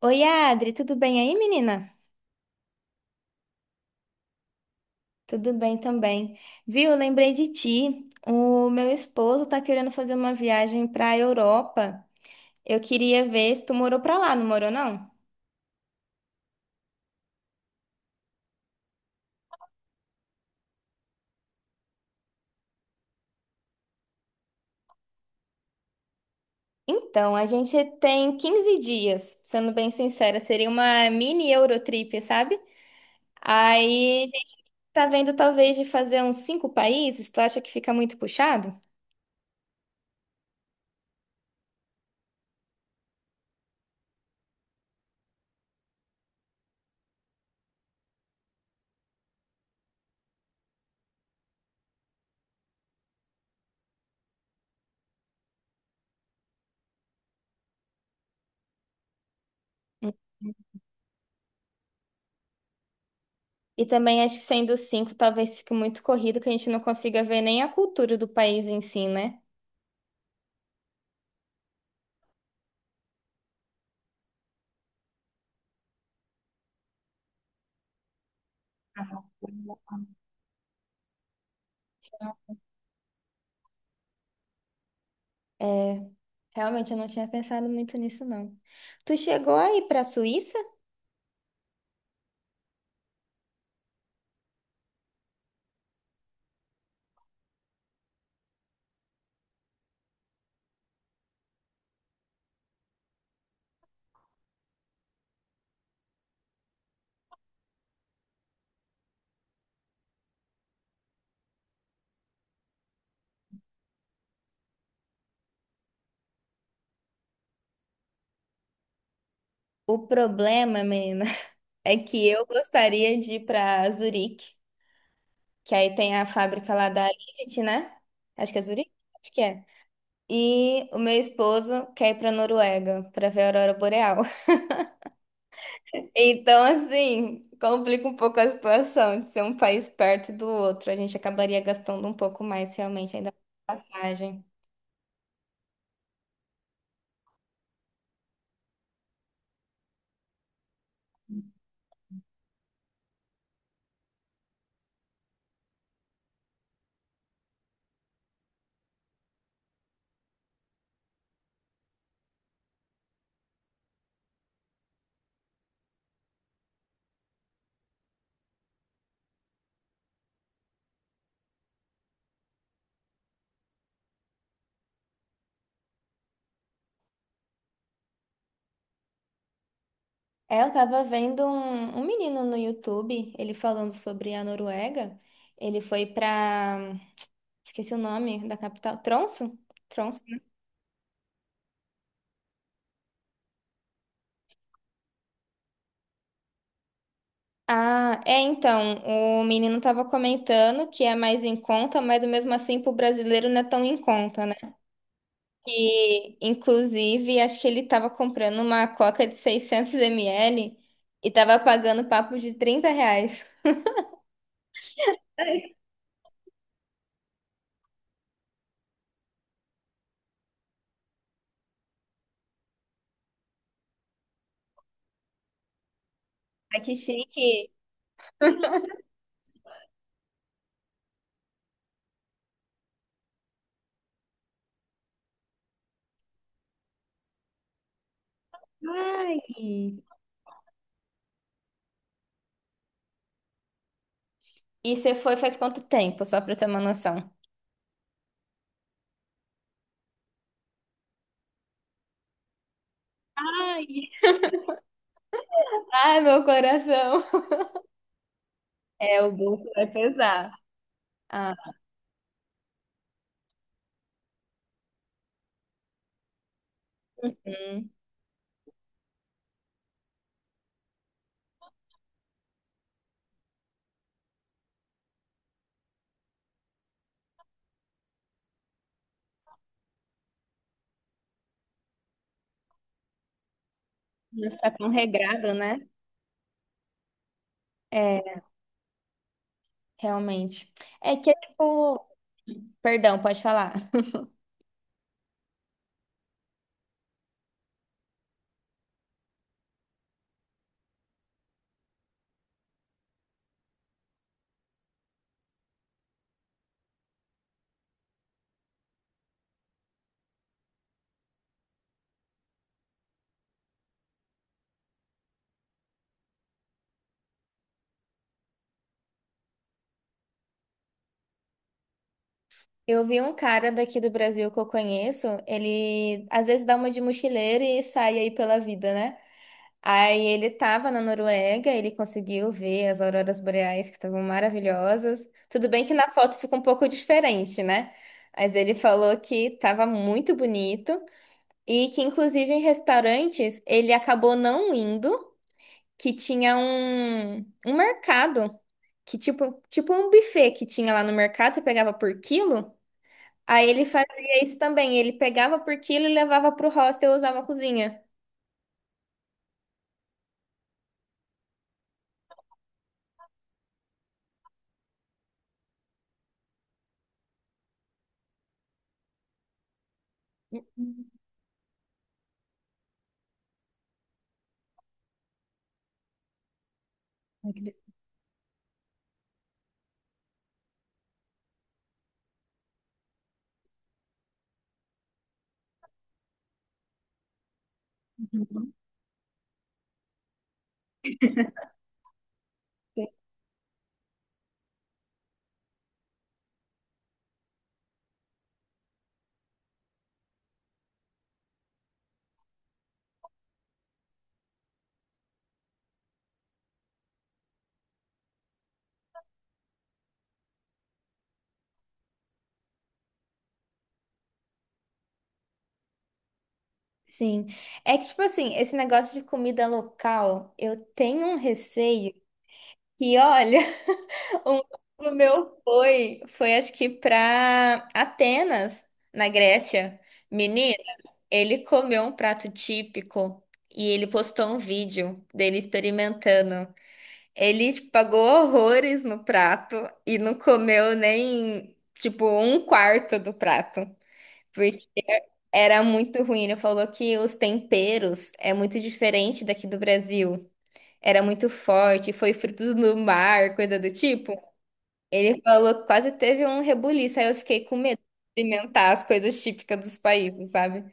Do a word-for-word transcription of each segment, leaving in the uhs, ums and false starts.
Oi, Adri, tudo bem aí, menina? Tudo bem também. Viu, lembrei de ti. O meu esposo tá querendo fazer uma viagem pra Europa. Eu queria ver se tu morou pra lá, não morou não? Então, a gente tem quinze dias, sendo bem sincera, seria uma mini Eurotrip, sabe? Aí a gente tá vendo talvez de fazer uns cinco países, tu acha que fica muito puxado? E também acho que sendo cinco, talvez fique muito corrido, que a gente não consiga ver nem a cultura do país em si, né? É, realmente eu não tinha pensado muito nisso, não. Tu chegou aí pra Suíça? O problema, menina, é que eu gostaria de ir pra Zurique, que aí tem a fábrica lá da Lindt, né? Acho que é Zurique? Acho que é. E o meu esposo quer ir pra Noruega pra ver a aurora boreal. Então, assim, complica um pouco a situação de ser um país perto do outro. A gente acabaria gastando um pouco mais, realmente, ainda com passagem. É, eu tava vendo um, um menino no YouTube, ele falando sobre a Noruega. Ele foi pra. Esqueci o nome da capital. Tromsø? Tromsø, né? Ah, é, então, o menino tava comentando que é mais em conta, mas mesmo assim pro brasileiro não é tão em conta, né? E, inclusive, acho que ele tava comprando uma coca de seiscentos ml e tava pagando papo de trinta reais. Ai, que chique! Ai. E você foi faz quanto tempo, só pra eu ter uma noção? Ai. Ai, meu coração. É, o bolso vai pesar. Ah, hum, não ficar tão regrado, né? É, realmente. É que é tipo. Perdão, pode falar. Eu vi um cara daqui do Brasil que eu conheço, ele às vezes dá uma de mochileiro e sai aí pela vida, né? Aí ele estava na Noruega, ele conseguiu ver as auroras boreais que estavam maravilhosas. Tudo bem que na foto fica um pouco diferente, né? Mas ele falou que estava muito bonito e que inclusive em restaurantes ele acabou não indo, que tinha um, um mercado, que tipo, tipo um buffet que tinha lá no mercado, você pegava por quilo. Aí ele fazia isso também, ele pegava por quilo e levava para o hostel e usava a cozinha. Sim. É que, tipo assim, esse negócio de comida local, eu tenho um receio que, olha, um amigo meu foi, foi acho que pra Atenas, na Grécia. Menina, ele comeu um prato típico e ele postou um vídeo dele experimentando. Ele tipo, pagou horrores no prato e não comeu nem, tipo, um quarto do prato. Era muito ruim. Ele falou que os temperos é muito diferente daqui do Brasil. Era muito forte, foi frutos do mar, coisa do tipo. Ele falou que quase teve um rebuliço. Aí eu fiquei com medo de experimentar as coisas típicas dos países, sabe?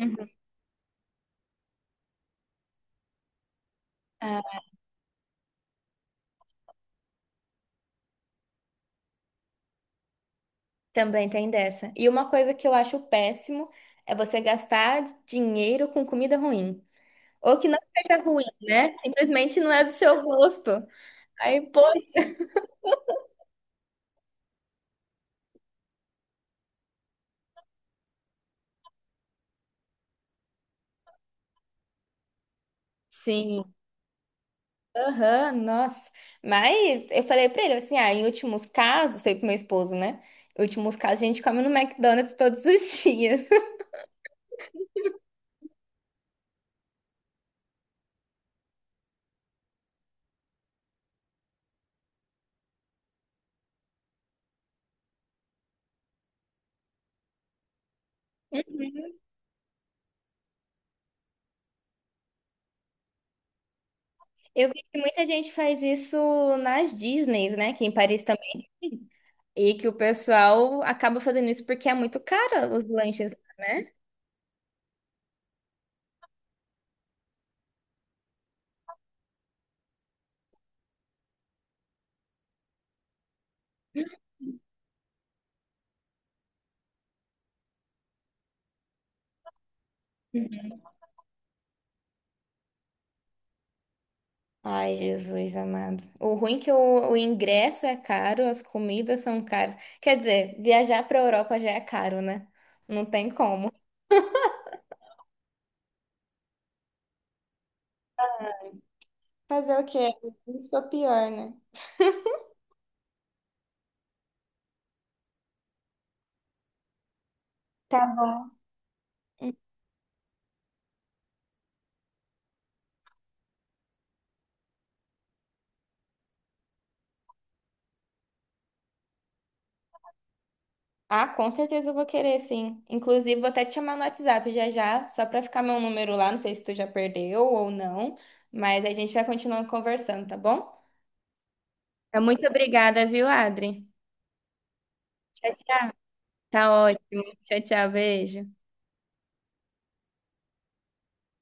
Uhum. Ah, também tem dessa. E uma coisa que eu acho péssimo é você gastar dinheiro com comida ruim. Ou que não seja ruim, né? Simplesmente não é do seu gosto. Aí, pô. Sim. Aham, nossa. Mas eu falei pra ele assim: ah, em últimos casos, falei pro meu esposo, né? Em últimos casos, a gente come no McDonald's todos os dias. Uhum. Eu vi que muita gente faz isso nas Disneys, né? Que em Paris também. E que o pessoal acaba fazendo isso porque é muito caro os lanches, né? Uhum. Ai, Jesus amado. O ruim é que o, o ingresso é caro, as comidas são caras. Quer dizer, viajar pra Europa já é caro, né? Não tem como. Fazer o quê? Isso é pior, né? Tá bom. Ah, com certeza eu vou querer, sim. Inclusive, vou até te chamar no WhatsApp já já, só pra ficar meu número lá. Não sei se tu já perdeu ou não, mas a gente vai continuando conversando, tá bom? Então, muito obrigada, viu, Adri? Tchau, tchau. Tá ótimo. Tchau, tchau. Beijo.